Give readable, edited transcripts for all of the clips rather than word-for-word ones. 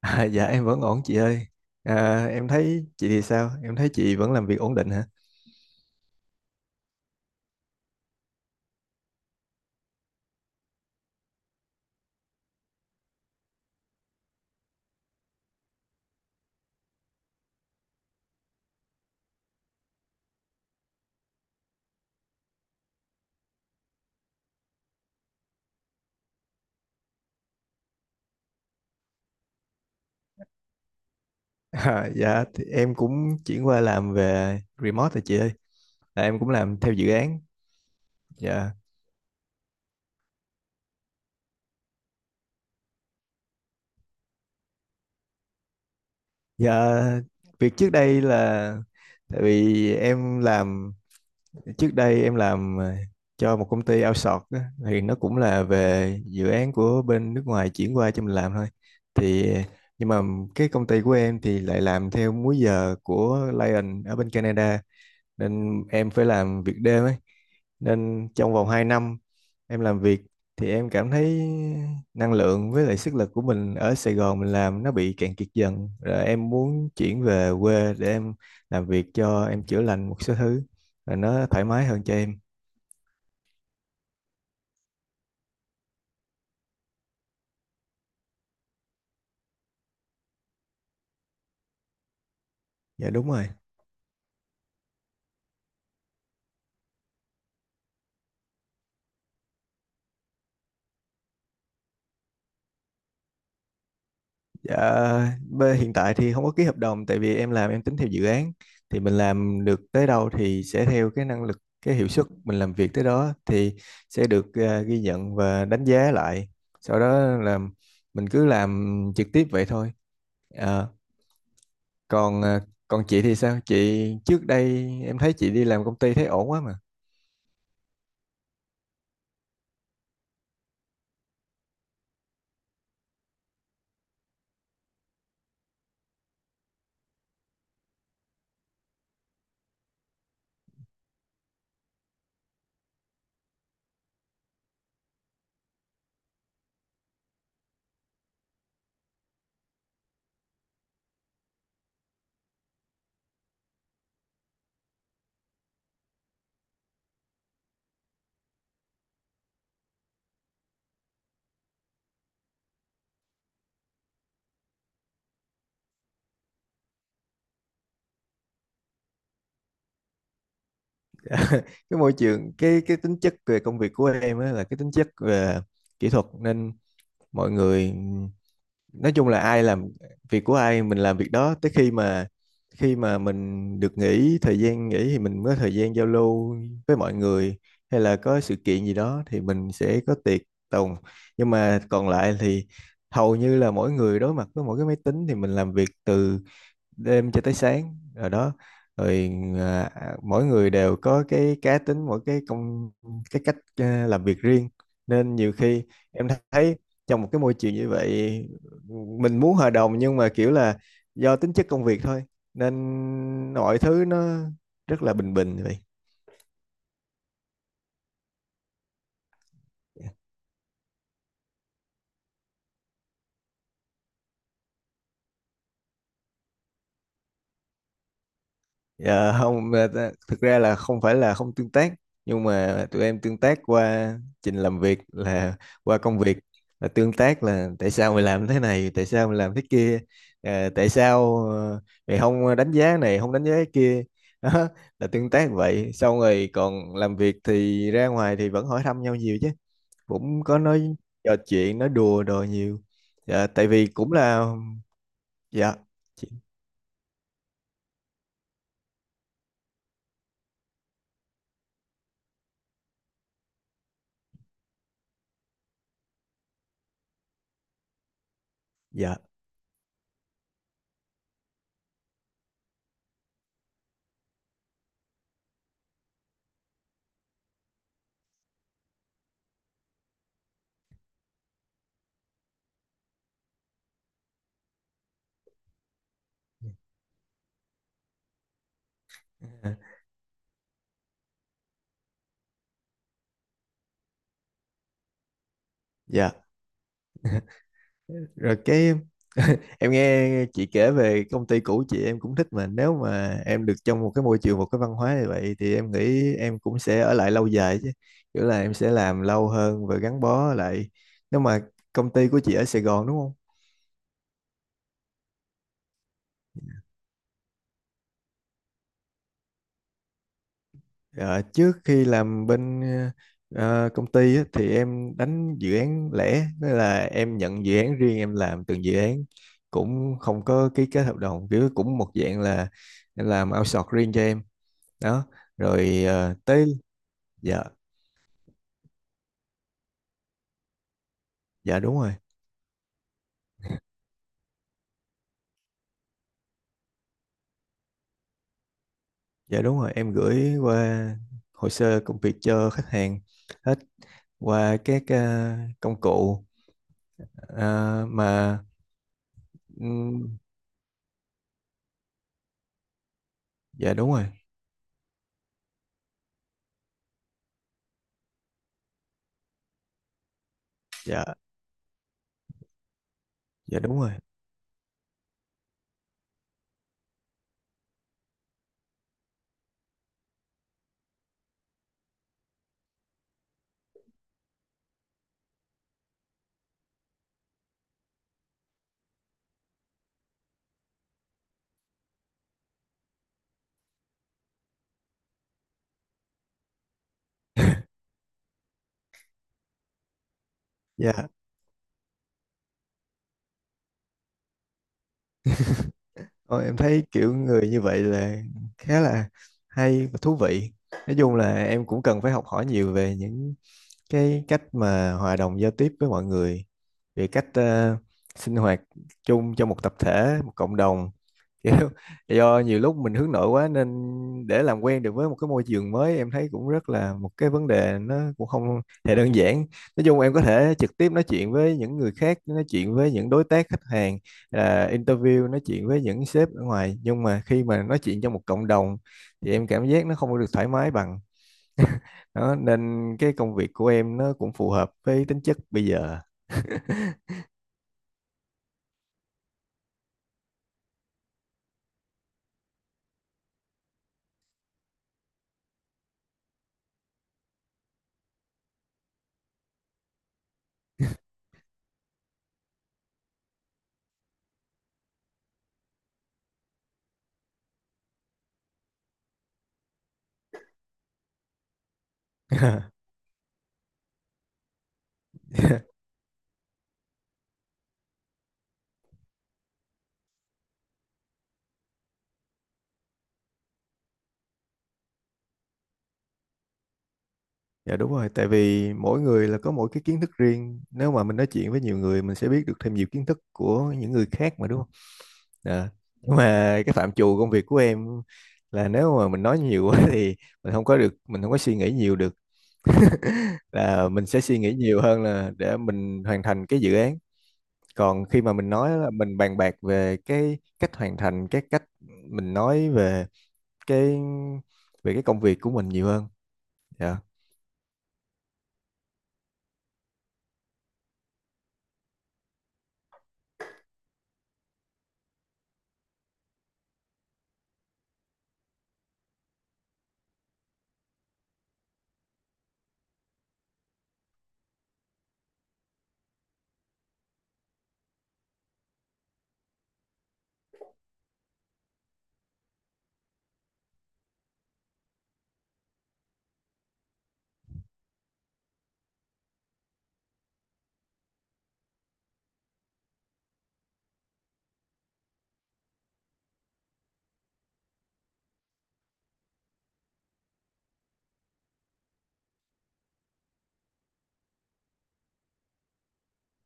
À, dạ em vẫn ổn chị ơi. À, em thấy chị thì sao? Em thấy chị vẫn làm việc ổn định hả? À, dạ thì em cũng chuyển qua làm về remote rồi chị ơi. Là em cũng làm theo dự án. Dạ. Dạ, việc trước đây là tại vì em làm, trước đây em làm cho một công ty outsource á, thì nó cũng là về dự án của bên nước ngoài chuyển qua cho mình làm thôi. Thì nhưng mà cái công ty của em thì lại làm theo múi giờ của Lion ở bên Canada, nên em phải làm việc đêm ấy, nên trong vòng 2 năm em làm việc thì em cảm thấy năng lượng với lại sức lực của mình ở Sài Gòn mình làm nó bị cạn kiệt dần, rồi em muốn chuyển về quê để em làm việc, cho em chữa lành một số thứ rồi nó thoải mái hơn cho em. Dạ đúng rồi. Dạ, hiện tại thì không có ký hợp đồng, tại vì em làm em tính theo dự án, thì mình làm được tới đâu thì sẽ theo cái năng lực cái hiệu suất mình làm việc tới đó, thì sẽ được ghi nhận và đánh giá lại. Sau đó là mình cứ làm trực tiếp vậy thôi. Ờ, còn còn chị thì sao? Chị trước đây em thấy chị đi làm công ty thấy ổn quá mà. Cái môi trường, cái tính chất về công việc của em á là cái tính chất về kỹ thuật, nên mọi người nói chung là ai làm việc của ai mình làm việc đó, tới khi mà mình được nghỉ, thời gian nghỉ thì mình mới có thời gian giao lưu với mọi người, hay là có sự kiện gì đó thì mình sẽ có tiệc tùng, nhưng mà còn lại thì hầu như là mỗi người đối mặt với mỗi cái máy tính, thì mình làm việc từ đêm cho tới sáng rồi đó. Rồi à, mỗi người đều có cái cá tính, mỗi cái cách làm việc riêng, nên nhiều khi em thấy trong một cái môi trường như vậy mình muốn hòa đồng, nhưng mà kiểu là do tính chất công việc thôi, nên mọi thứ nó rất là bình bình vậy. Dạ không, thực ra là không phải là không tương tác, nhưng mà tụi em tương tác qua trình làm việc, là qua công việc, là tương tác là tại sao mày làm thế này tại sao mày làm thế kia, tại sao mày không đánh giá này không đánh giá cái kia đó, là tương tác vậy. Xong rồi còn làm việc thì ra ngoài thì vẫn hỏi thăm nhau nhiều chứ, cũng có nói trò chuyện nói đùa đồ nhiều. Dạ tại vì cũng là dạ. chị- dạ. Dạ. Rồi cái, em nghe chị kể về công ty cũ chị em cũng thích, mà nếu mà em được trong một cái môi trường một cái văn hóa như vậy thì em nghĩ em cũng sẽ ở lại lâu dài chứ, kiểu là em sẽ làm lâu hơn và gắn bó lại, nếu mà công ty của chị ở Sài Gòn đúng không? Ờ, trước khi làm bên công ty á, thì em đánh dự án lẻ, tức là em nhận dự án riêng em làm từng dự án, cũng không có ký kết hợp đồng, kiểu cũng một dạng là em làm outsource riêng cho em đó. Rồi ờ, tới dạ. Dạ đúng rồi. Dạ đúng rồi, em gửi qua hồ sơ công việc cho khách hàng hết, qua các công cụ. Ờ, mà ừm, dạ đúng rồi. Dạ. Dạ đúng rồi. Dạ. Ôi, em thấy kiểu người như vậy là khá là hay và thú vị, nói chung là em cũng cần phải học hỏi nhiều về những cái cách mà hòa đồng giao tiếp với mọi người, về cách sinh hoạt chung cho một tập thể một cộng đồng kiểu, do nhiều lúc mình hướng nội quá nên để làm quen được với một cái môi trường mới em thấy cũng rất là một cái vấn đề, nó cũng không hề đơn giản. Nói chung em có thể trực tiếp nói chuyện với những người khác, nói chuyện với những đối tác khách hàng, interview nói chuyện với những sếp ở ngoài, nhưng mà khi mà nói chuyện trong một cộng đồng thì em cảm giác nó không có được thoải mái bằng đó, nên cái công việc của em nó cũng phù hợp với tính chất bây giờ. Dạ đúng rồi, tại vì mỗi người là có mỗi cái kiến thức riêng. Nếu mà mình nói chuyện với nhiều người mình sẽ biết được thêm nhiều kiến thức của những người khác mà đúng không? Dạ. Nhưng mà cái phạm trù công việc của em là nếu mà mình nói nhiều quá thì mình không có được, mình không có suy nghĩ nhiều được. Là mình sẽ suy nghĩ nhiều hơn là để mình hoàn thành cái dự án. Còn khi mà mình nói là mình bàn bạc về cái cách hoàn thành, cái cách mình nói về cái cái công việc của mình nhiều hơn. Dạ,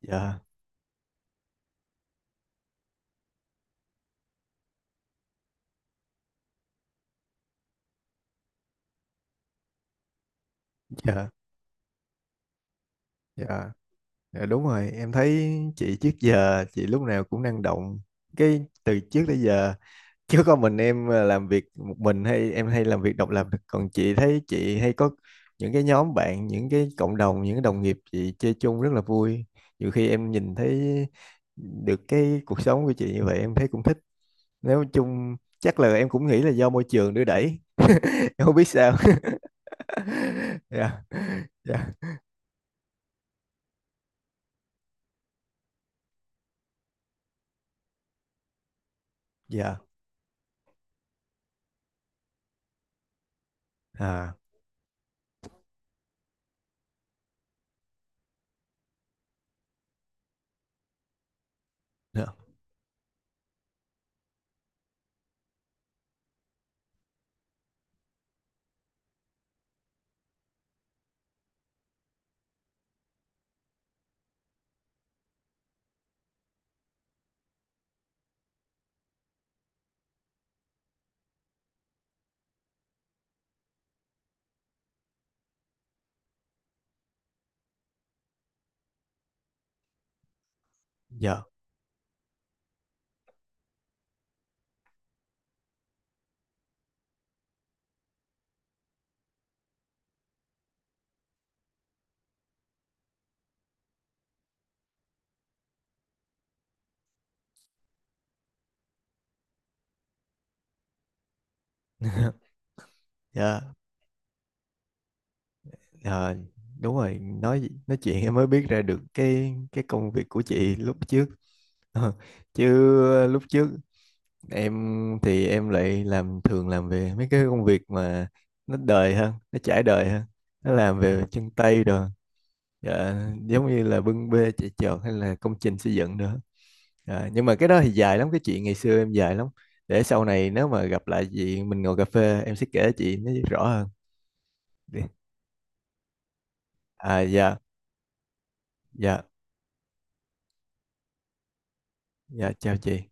dạ, dạ, dạ. Dạ, đúng rồi, em thấy chị trước giờ chị lúc nào cũng năng động. Cái từ trước tới giờ, chứ có mình em làm việc một mình, hay em hay làm việc độc lập, còn chị thấy chị hay có những cái nhóm bạn, những cái cộng đồng, những cái đồng nghiệp chị chơi chung rất là vui, nhiều khi em nhìn thấy được cái cuộc sống của chị như vậy em thấy cũng thích, nếu chung chắc là em cũng nghĩ là do môi trường đưa đẩy, em không biết sao. Dạ. Dạ. Dạ. À. Dạ. Dạ. Dạ. Ờ, đúng rồi nói chuyện em mới biết ra được cái công việc của chị lúc trước. Ờ, chứ lúc trước em thì em lại làm, thường làm về mấy cái công việc mà nó đời hơn, nó trải đời hơn, nó làm về chân tay rồi. Dạ, giống như là bưng bê chạy chọt hay là công trình xây dựng nữa. Dạ, nhưng mà cái đó thì dài lắm, cái chuyện ngày xưa em dài lắm, để sau này nếu mà gặp lại chị mình ngồi cà phê em sẽ kể chị nó rõ hơn. Đi. À dạ. Dạ. Dạ chào chị.